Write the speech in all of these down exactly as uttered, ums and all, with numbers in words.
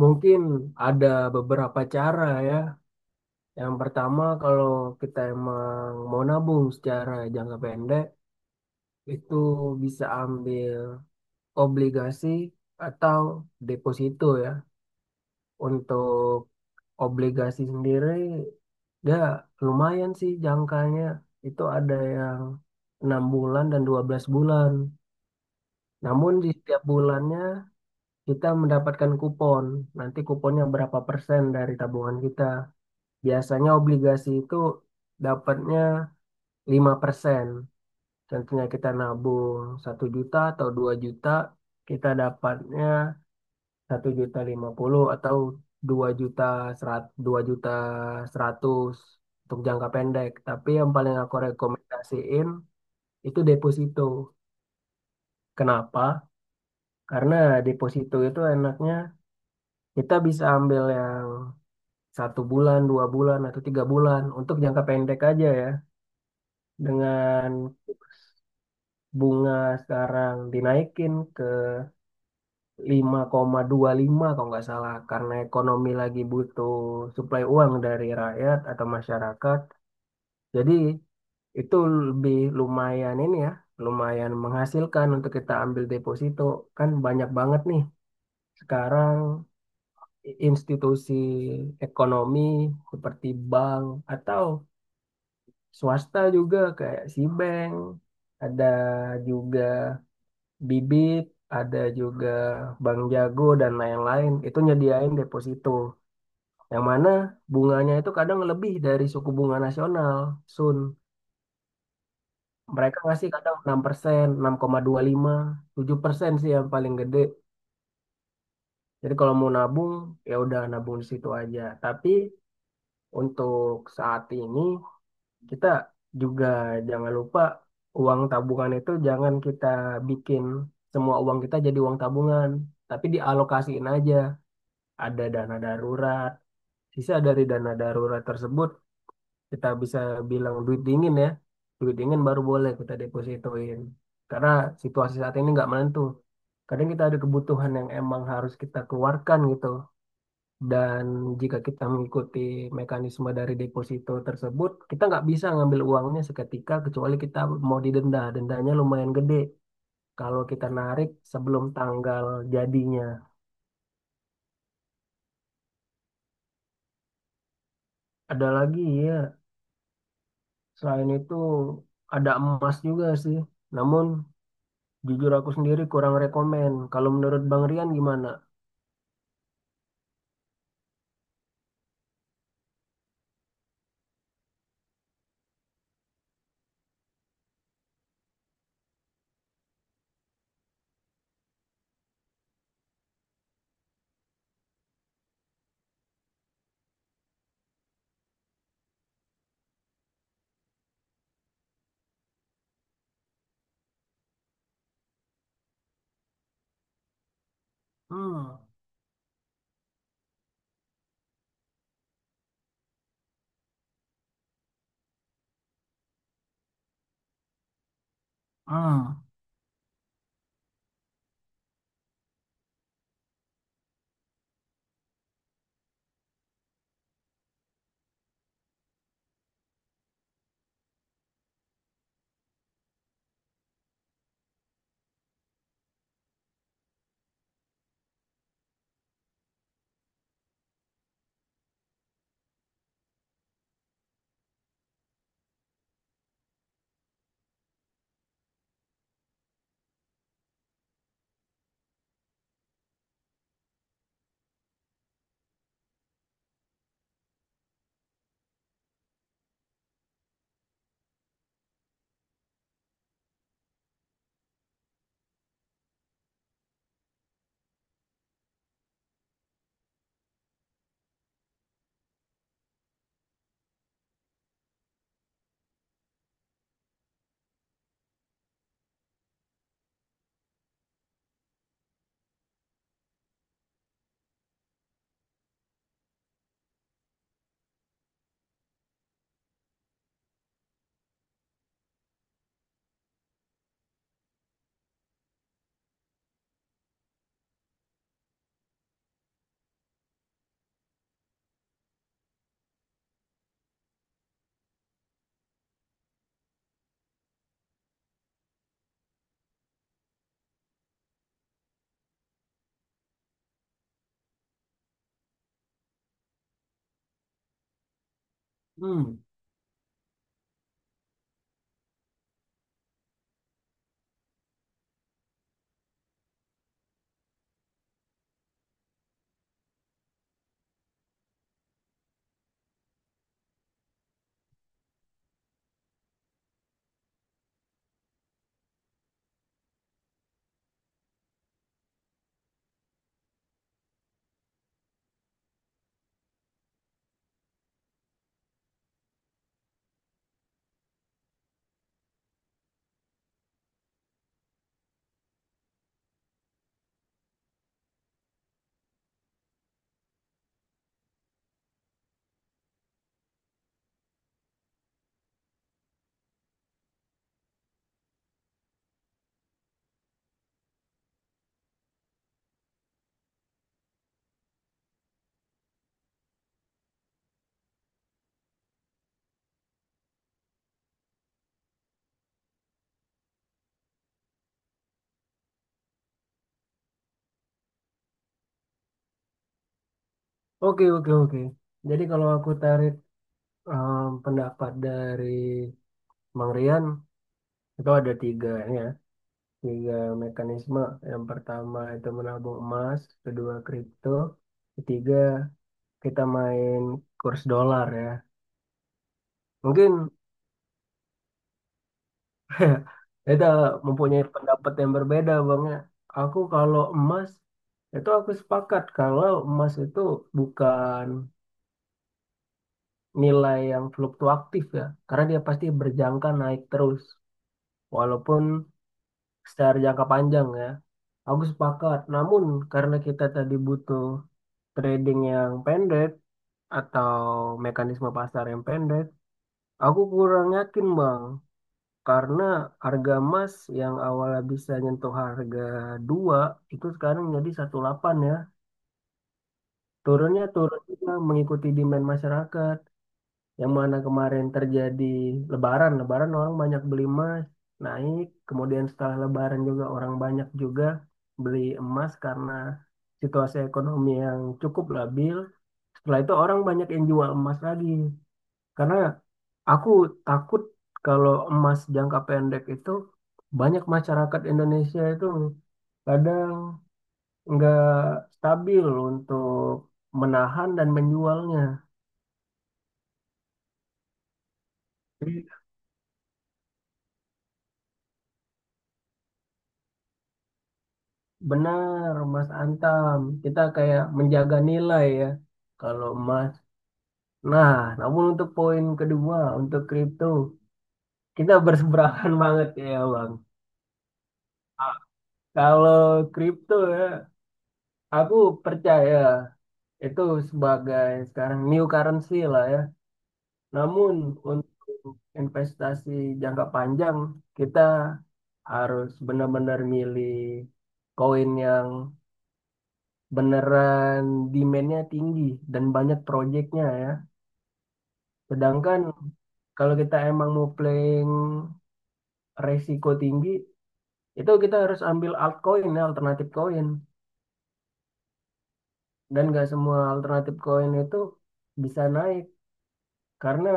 Mungkin ada beberapa cara ya. Yang pertama, kalau kita emang mau nabung secara jangka pendek, itu bisa ambil obligasi atau deposito ya. Untuk obligasi sendiri, ya lumayan sih jangkanya. Itu ada yang enam bulan dan dua belas bulan. Namun di setiap bulannya kita mendapatkan kupon. Nanti kuponnya berapa persen dari tabungan kita. Biasanya obligasi itu dapatnya lima persen. Contohnya kita nabung satu juta atau dua juta, kita dapatnya satu juta lima puluh atau dua juta seratus, dua juta seratus untuk jangka pendek. Tapi yang paling aku rekomendasiin itu deposito. Kenapa? Karena deposito itu enaknya kita bisa ambil yang satu bulan, dua bulan, atau tiga bulan untuk jangka pendek aja ya dengan bunga sekarang dinaikin ke lima koma dua puluh lima kalau nggak salah karena ekonomi lagi butuh suplai uang dari rakyat atau masyarakat. Jadi itu lebih lumayan ini ya, lumayan menghasilkan untuk kita ambil deposito. Kan banyak banget nih sekarang i- institusi ekonomi seperti bank atau swasta juga kayak si bank ada juga bibit, ada juga bank jago dan lain-lain. Itu nyediain deposito. Yang mana bunganya itu kadang lebih dari suku bunga nasional, Sun. Mereka ngasih kadang enam enam persen enam koma dua puluh lima tujuh persen sih yang paling gede. Jadi kalau mau nabung, ya udah nabung di situ aja. Tapi untuk saat ini, kita juga jangan lupa uang tabungan itu jangan kita bikin semua uang kita jadi uang tabungan. Tapi dialokasiin aja. Ada dana darurat. Sisa dari dana darurat tersebut kita bisa bilang duit dingin ya. Duit dingin baru boleh kita depositoin. Karena situasi saat ini nggak menentu. Kadang kita ada kebutuhan yang emang harus kita keluarkan gitu. Dan jika kita mengikuti mekanisme dari deposito tersebut, kita nggak bisa ngambil uangnya seketika kecuali kita mau didenda. Dendanya lumayan gede kalau kita narik sebelum tanggal jadinya. Ada lagi ya. Selain itu ada emas juga sih. Namun jujur aku sendiri kurang rekomen. Kalau menurut Bang Rian gimana? Hmm. Hmm. Hmm. Oke, oke, oke. Jadi kalau aku tarik em, pendapat dari Bang Rian itu ada tiga ya. Tiga mekanisme. Yang pertama itu menabung emas, kedua kripto, ketiga kita main kurs dolar ya. Mungkin kita mempunyai pendapat yang berbeda, Bang. Ya. Aku kalau emas itu aku sepakat kalau emas itu bukan nilai yang fluktuatif ya, karena dia pasti berjangka naik terus, walaupun secara jangka panjang ya. Aku sepakat. Namun karena kita tadi butuh trading yang pendek atau mekanisme pasar yang pendek, aku kurang yakin, Bang. Karena harga emas yang awalnya bisa nyentuh harga dua itu sekarang jadi satu koma delapan ya. Turunnya turun juga mengikuti demand masyarakat. Yang mana kemarin terjadi lebaran, lebaran orang banyak beli emas, naik. Kemudian setelah lebaran juga orang banyak juga beli emas karena situasi ekonomi yang cukup labil. Setelah itu orang banyak yang jual emas lagi. Karena aku takut kalau emas jangka pendek itu banyak masyarakat Indonesia itu kadang nggak stabil untuk menahan dan menjualnya. Jadi benar, Mas Antam. Kita kayak menjaga nilai ya kalau emas. Nah, namun untuk poin kedua, untuk kripto, kita berseberangan banget ya, Bang. Kalau kripto ya, aku percaya itu sebagai sekarang new currency lah ya. Namun untuk investasi jangka panjang kita harus benar-benar milih koin yang beneran demand-nya tinggi dan banyak proyeknya ya. Sedangkan kalau kita emang mau playing resiko tinggi itu kita harus ambil altcoin ya, alternatif koin dan nggak semua alternatif koin itu bisa naik karena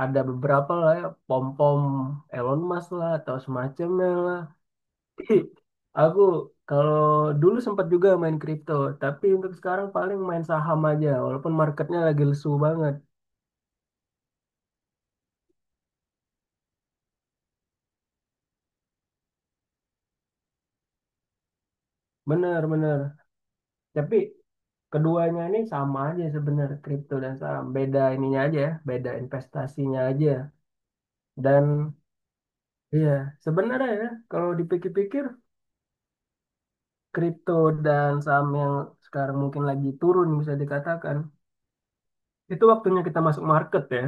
ada beberapa lah ya pom-pom Elon Musk lah atau semacamnya lah. Aku kalau dulu sempat juga main kripto, tapi untuk sekarang paling main saham aja, walaupun marketnya lagi lesu banget. Bener-bener. Tapi keduanya ini sama aja sebenarnya kripto dan saham. Beda ininya aja, ya, beda investasinya aja. Dan iya, sebenarnya ya kalau dipikir-pikir kripto dan saham yang sekarang mungkin lagi turun bisa dikatakan. Itu waktunya kita masuk market ya.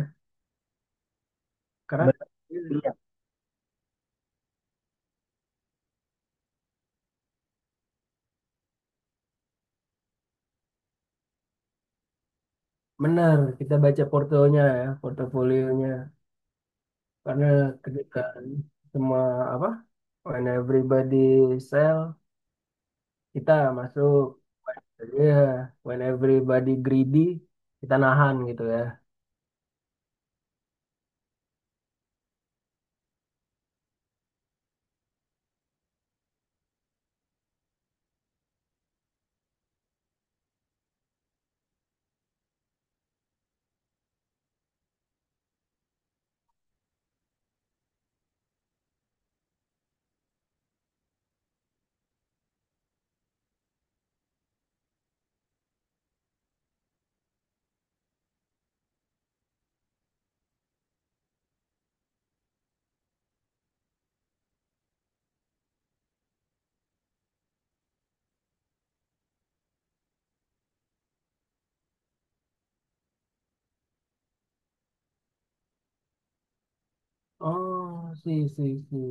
Karena Ber- iya. Benar kita baca portonya ya, portofolionya. Karena ketika semua apa when everybody sell kita masuk. Iya, when everybody greedy kita nahan gitu ya. Oh, sih sih sih.